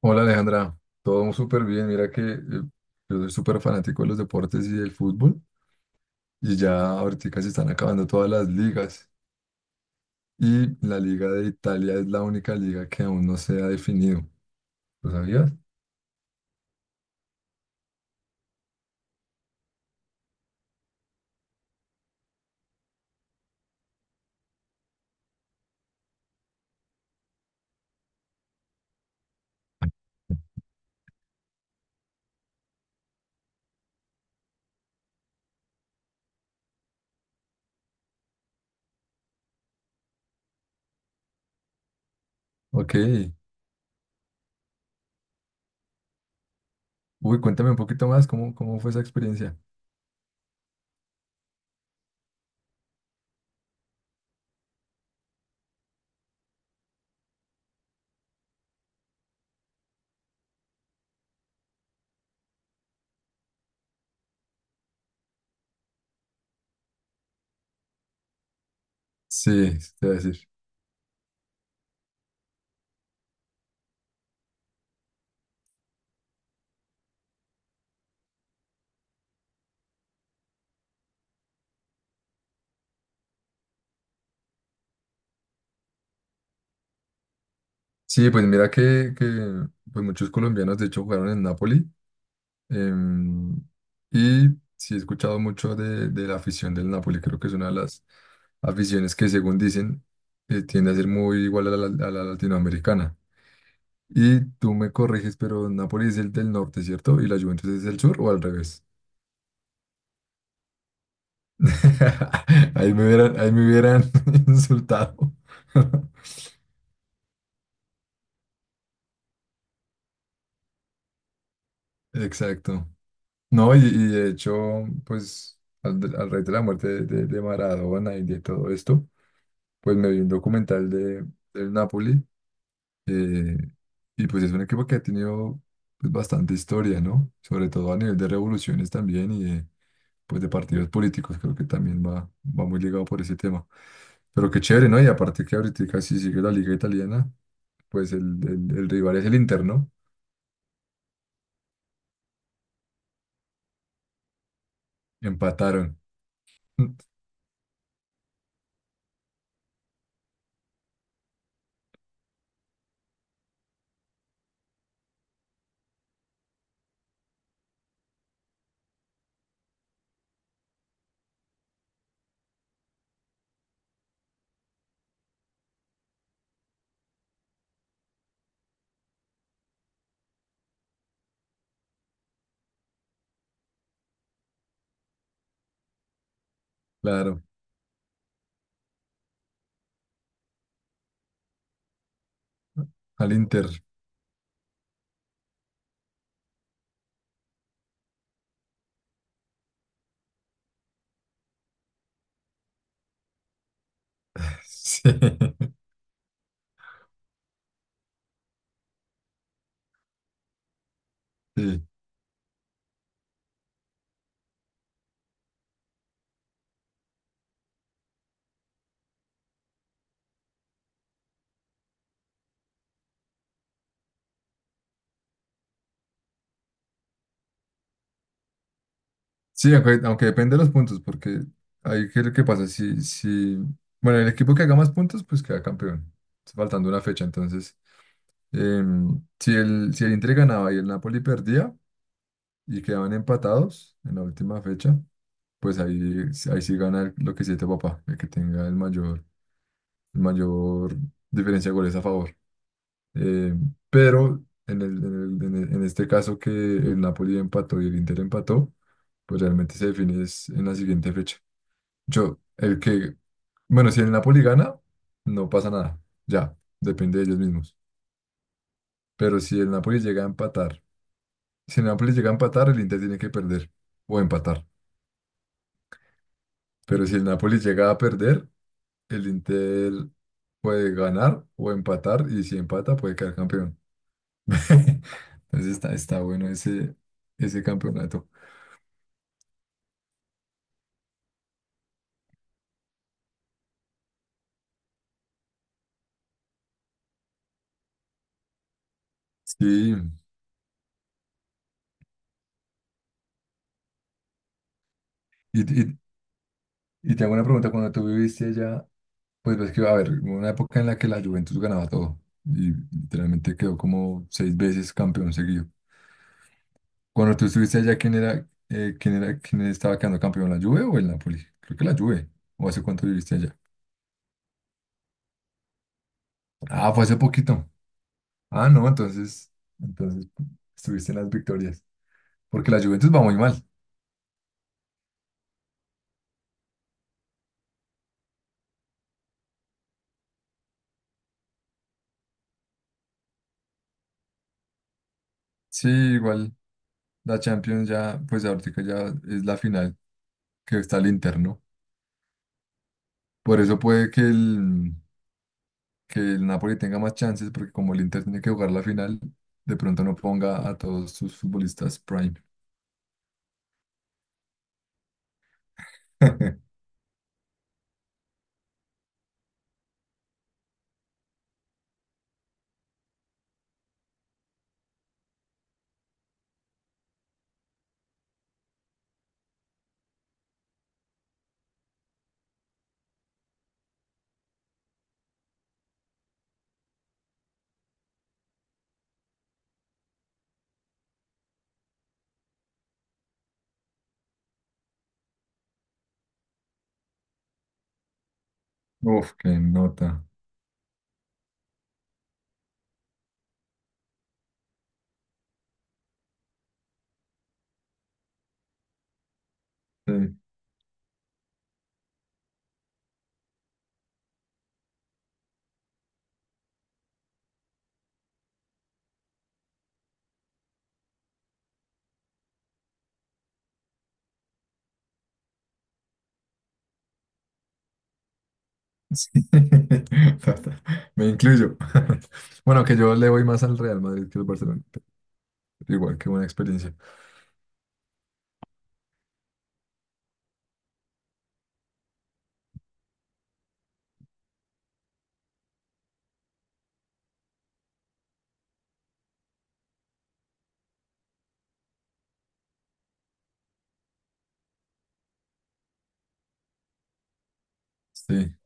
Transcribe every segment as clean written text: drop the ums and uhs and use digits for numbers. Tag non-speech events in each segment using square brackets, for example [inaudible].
Hola Alejandra, todo súper bien. Mira que yo soy súper fanático de los deportes y del fútbol y ya ahorita se están acabando todas las ligas y la liga de Italia es la única liga que aún no se ha definido. ¿Lo sabías? Ok. Uy, cuéntame un poquito más, ¿cómo fue esa experiencia? Sí, te voy a decir. Sí, pues mira que pues muchos colombianos de hecho jugaron en Napoli. Em, y sí he escuchado mucho de la afición del Napoli, creo que es una de las aficiones que según dicen tiende a ser muy igual a la latinoamericana. Y tú me corriges, pero Napoli es el del norte, ¿cierto? ¿Y la Juventus es el sur o al revés? [laughs] Ahí me hubieran [laughs] insultado. [laughs] Exacto. No, y de hecho, pues al raíz de la muerte de Maradona y de todo esto, pues me vi un documental del Napoli. Eh, y pues es un equipo que ha tenido pues, bastante historia, ¿no? Sobre todo a nivel de revoluciones también y pues de partidos políticos, creo que también va muy ligado por ese tema. Pero qué chévere, ¿no? Y aparte que ahorita casi sigue la liga italiana, pues el rival es el Inter, ¿no? Empataron. [laughs] Claro, al Inter. [laughs] Sí. Sí, aunque depende de los puntos, porque ahí qué es lo que pasa. Si, bueno, el equipo que haga más puntos, pues queda campeón. Está faltando una fecha, entonces. Si el Inter ganaba y el Napoli perdía y quedaban empatados en la última fecha, pues ahí sí gana lo que siete papá, el que tenga el mayor diferencia de goles a favor. Pero en este caso que el Napoli empató y el Inter empató, pues realmente se define es en la siguiente fecha. Yo, el que, bueno, si el Napoli gana, no pasa nada. Ya, depende de ellos mismos. Pero si el Napoli llega a empatar, si el Napoli llega a empatar, el Inter tiene que perder o empatar. Pero si el Napoli llega a perder, el Inter puede ganar o empatar y si empata puede quedar campeón. [laughs] Entonces está bueno ese campeonato. Sí, y, y, y te hago una pregunta, cuando tú viviste allá. Pues ves que va a haber una época en la que la Juventus ganaba todo y literalmente quedó como seis veces campeón seguido. Cuando tú estuviste allá, ¿quién era, quién estaba quedando campeón, la Juve o el Napoli? Creo que la Juve. ¿O hace cuánto viviste allá? Ah, fue hace poquito. Ah, no, entonces estuviste en las victorias. Porque la Juventus va muy mal. Sí, igual la Champions ya, pues ahorita ya es la final que está el Inter, ¿no? Por eso puede que el Napoli tenga más chances, porque como el Inter tiene que jugar la final, de pronto no ponga a todos sus futbolistas prime. [laughs] Uf, qué nota. Sí. Sí. [laughs] Ta- ta. Me incluyo. [laughs] Bueno, que yo le voy más al Real Madrid que al Barcelona. Pero igual, qué buena experiencia. Sí,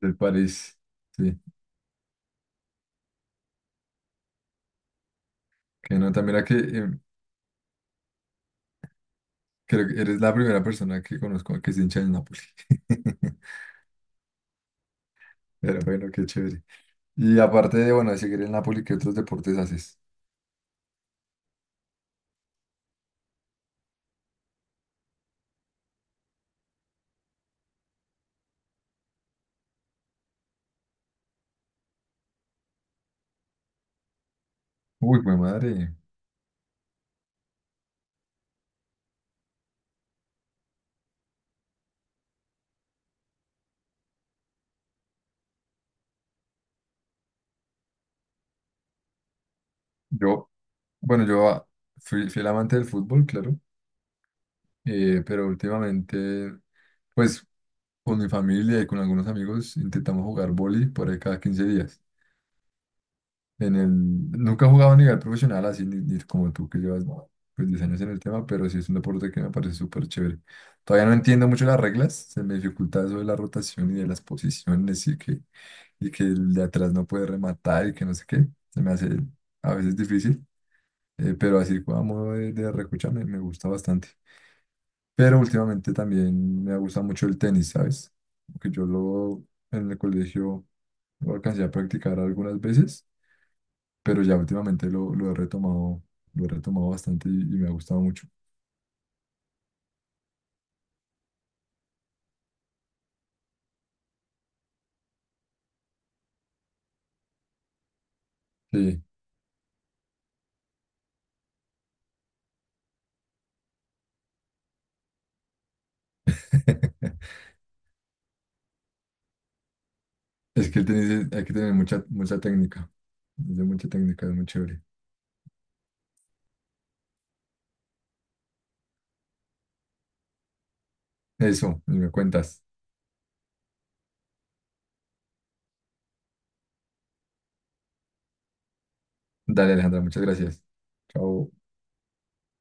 del París. Sí, qué nota. Mira que creo que eres la primera persona que conozco que es hincha del Napoli. [laughs] Pero bueno, qué chévere. Y aparte de, bueno, de seguir el Napoli, ¿qué otros deportes haces? Uy, mi madre. Yo, bueno, yo fui el amante del fútbol, claro, pero últimamente, pues con mi familia y con algunos amigos intentamos jugar vóley por ahí cada 15 días. En el, Nunca he jugado a nivel profesional así, ni como tú que llevas no, pues, 10 años en el tema, pero sí es un deporte que me parece súper chévere. Todavía no entiendo mucho las reglas, se me dificulta eso de la rotación y de las posiciones y que el de atrás no puede rematar y que no sé qué, se me hace a veces difícil. Pero así como de recocha me gusta bastante. Pero últimamente también me ha gustado mucho el tenis, ¿sabes? Porque yo lo en el colegio lo alcancé a practicar algunas veces, pero ya últimamente lo he retomado, lo he retomado bastante y me ha gustado mucho. Sí. [laughs] Es que el tenis hay que tener mucha, mucha técnica. Es de mucha técnica, es muy chévere. Eso, me cuentas. Dale, Alejandra, muchas gracias. Chao.